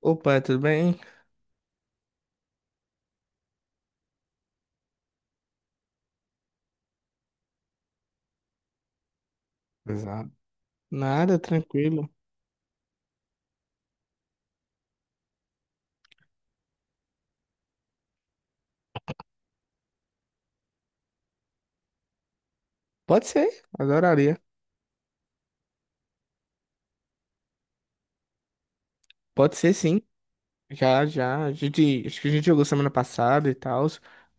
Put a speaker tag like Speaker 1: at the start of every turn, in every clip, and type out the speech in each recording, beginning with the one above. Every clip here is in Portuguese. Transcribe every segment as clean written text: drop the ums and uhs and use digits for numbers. Speaker 1: Opa, tudo bem? Exato. Nada, tranquilo. Pode ser, adoraria. Pode ser, sim. Já, já. A gente, acho que a gente jogou semana passada e tal.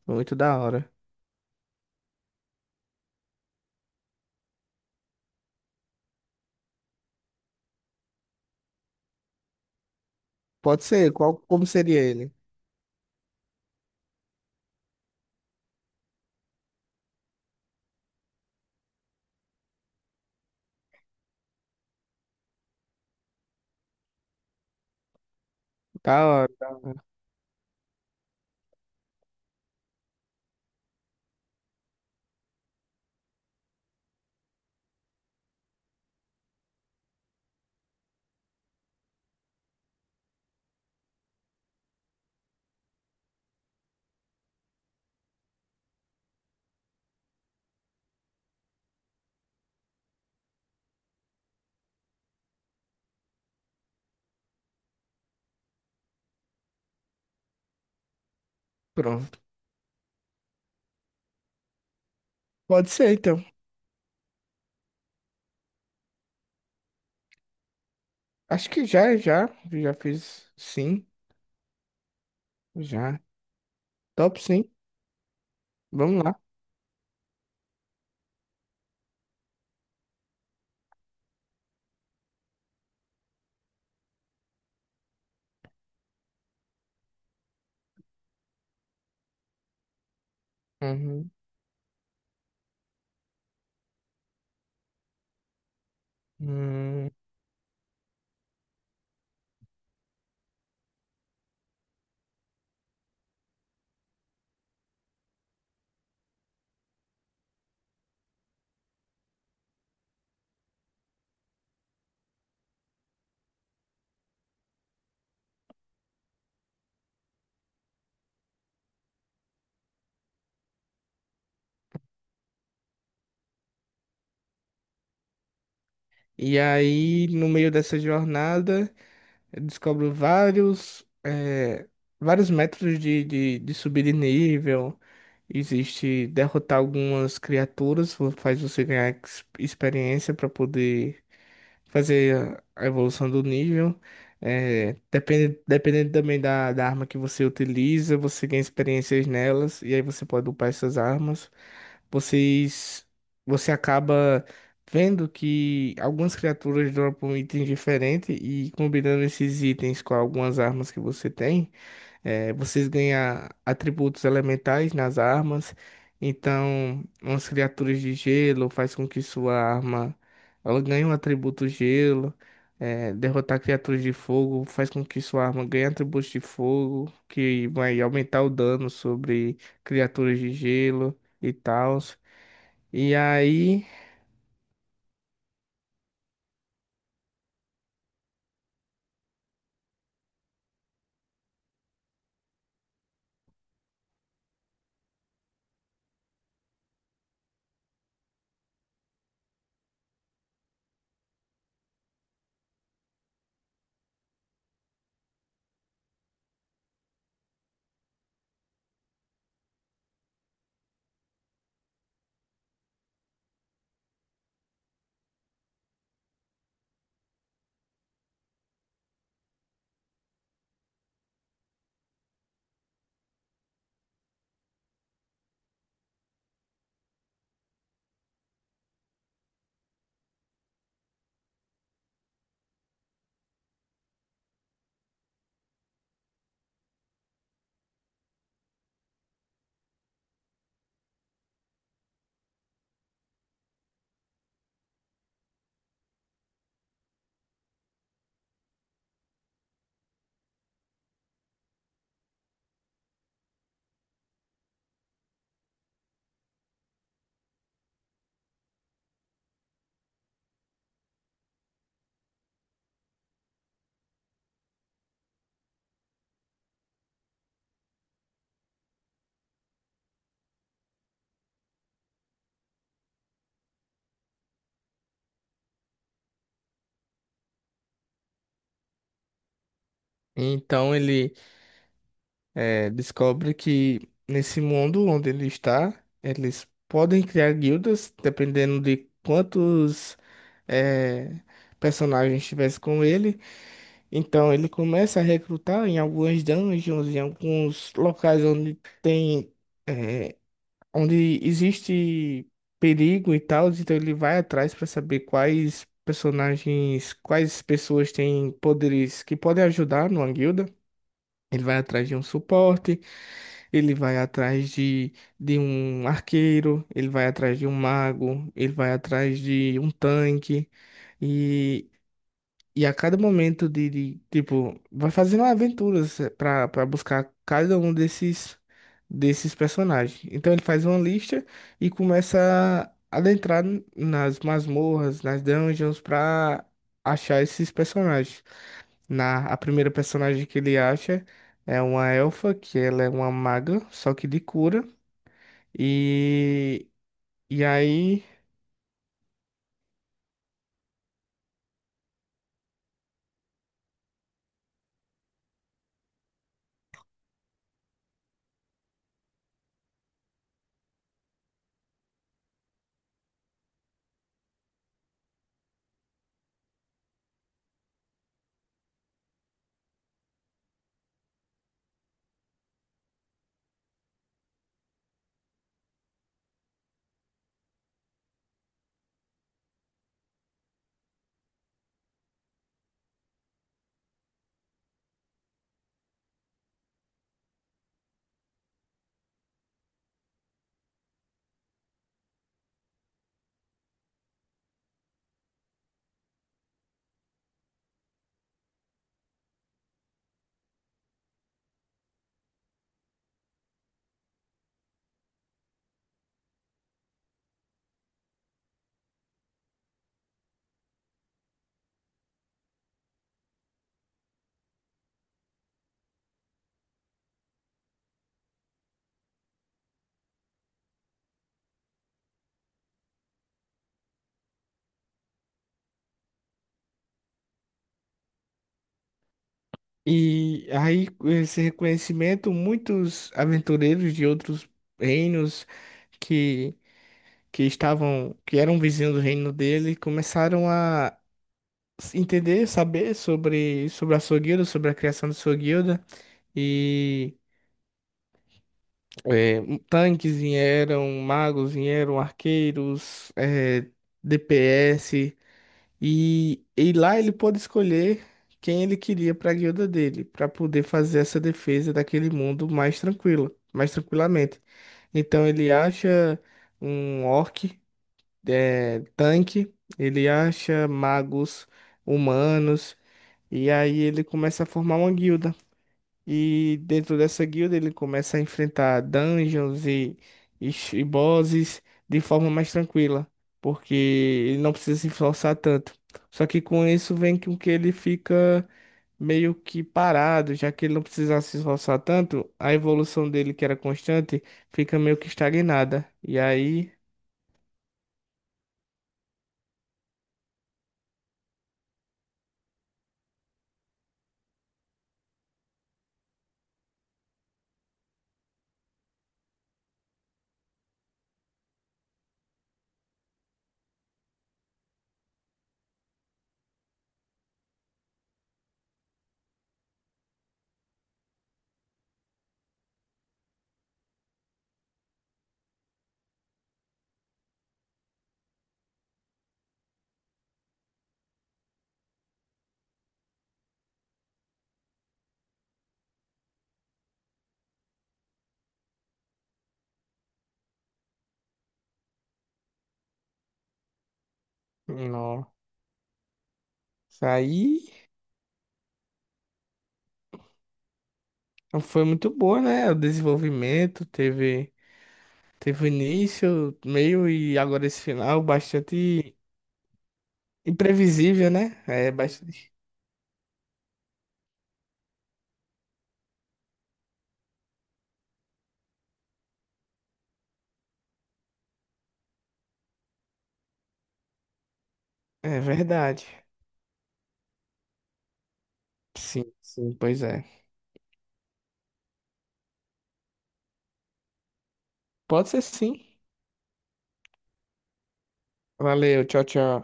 Speaker 1: Muito da hora. Pode ser, qual, como seria ele? Da hora. Pronto. Pode ser, então. Acho que já, já. Já fiz sim. Já. Top, sim. Vamos lá. Uhum. Hum. E aí, no meio dessa jornada. Eu descobro vários, vários métodos de subir de nível. Existe derrotar algumas criaturas, faz você ganhar experiência para poder fazer a evolução do nível. É, depende, dependendo também da arma que você utiliza, você ganha experiências nelas, e aí você pode upar essas armas. Vocês, você acaba vendo que algumas criaturas dropam itens diferentes, e combinando esses itens com algumas armas que você tem, é, vocês ganham atributos elementais nas armas. Então, umas criaturas de gelo faz com que sua arma ela ganha um atributo gelo, é, derrotar criaturas de fogo faz com que sua arma ganhe atributos de fogo, que vai aumentar o dano sobre criaturas de gelo e tal. E aí, então ele é, descobre que nesse mundo onde ele está, eles podem criar guildas, dependendo de quantos é, personagens tivesse com ele. Então ele começa a recrutar em algumas dungeons, em alguns locais onde tem, eh, onde existe perigo e tal, então ele vai atrás para saber quais personagens, quais pessoas têm poderes que podem ajudar numa guilda. Ele vai atrás de um suporte, ele vai atrás de um arqueiro, ele vai atrás de um mago, ele vai atrás de um tanque. E a cada momento tipo, vai fazendo aventuras pra para buscar cada um desses desses personagens. Então ele faz uma lista e começa a adentrar nas masmorras, nas dungeons pra achar esses personagens. Na A primeira personagem que ele acha é uma elfa, que ela é uma maga, só que de cura. E e aí E aí, com esse reconhecimento, muitos aventureiros de outros reinos que, que estavam, que eram vizinhos do reino dele, começaram a entender, saber sobre, sobre a sua guilda, sobre a criação da sua guilda. E é, tanques vieram, magos vieram, arqueiros, é, DPS. E lá ele pôde escolher quem ele queria para a guilda dele, para poder fazer essa defesa daquele mundo mais tranquilo, mais tranquilamente. Então ele acha um orc, é, tanque, ele acha magos humanos, e aí ele começa a formar uma guilda. E dentro dessa guilda ele começa a enfrentar dungeons e, e bosses de forma mais tranquila, porque ele não precisa se esforçar tanto. Só que com isso vem com que ele fica meio que parado, já que ele não precisava se esforçar tanto, a evolução dele, que era constante, fica meio que estagnada. E aí, nossa, aí foi muito boa, né? O desenvolvimento teve, teve o início, meio e agora esse final bastante. Imprevisível, né? É bastante. É verdade. Sim, sim, pois é. Pode ser sim. Valeu, tchau, tchau.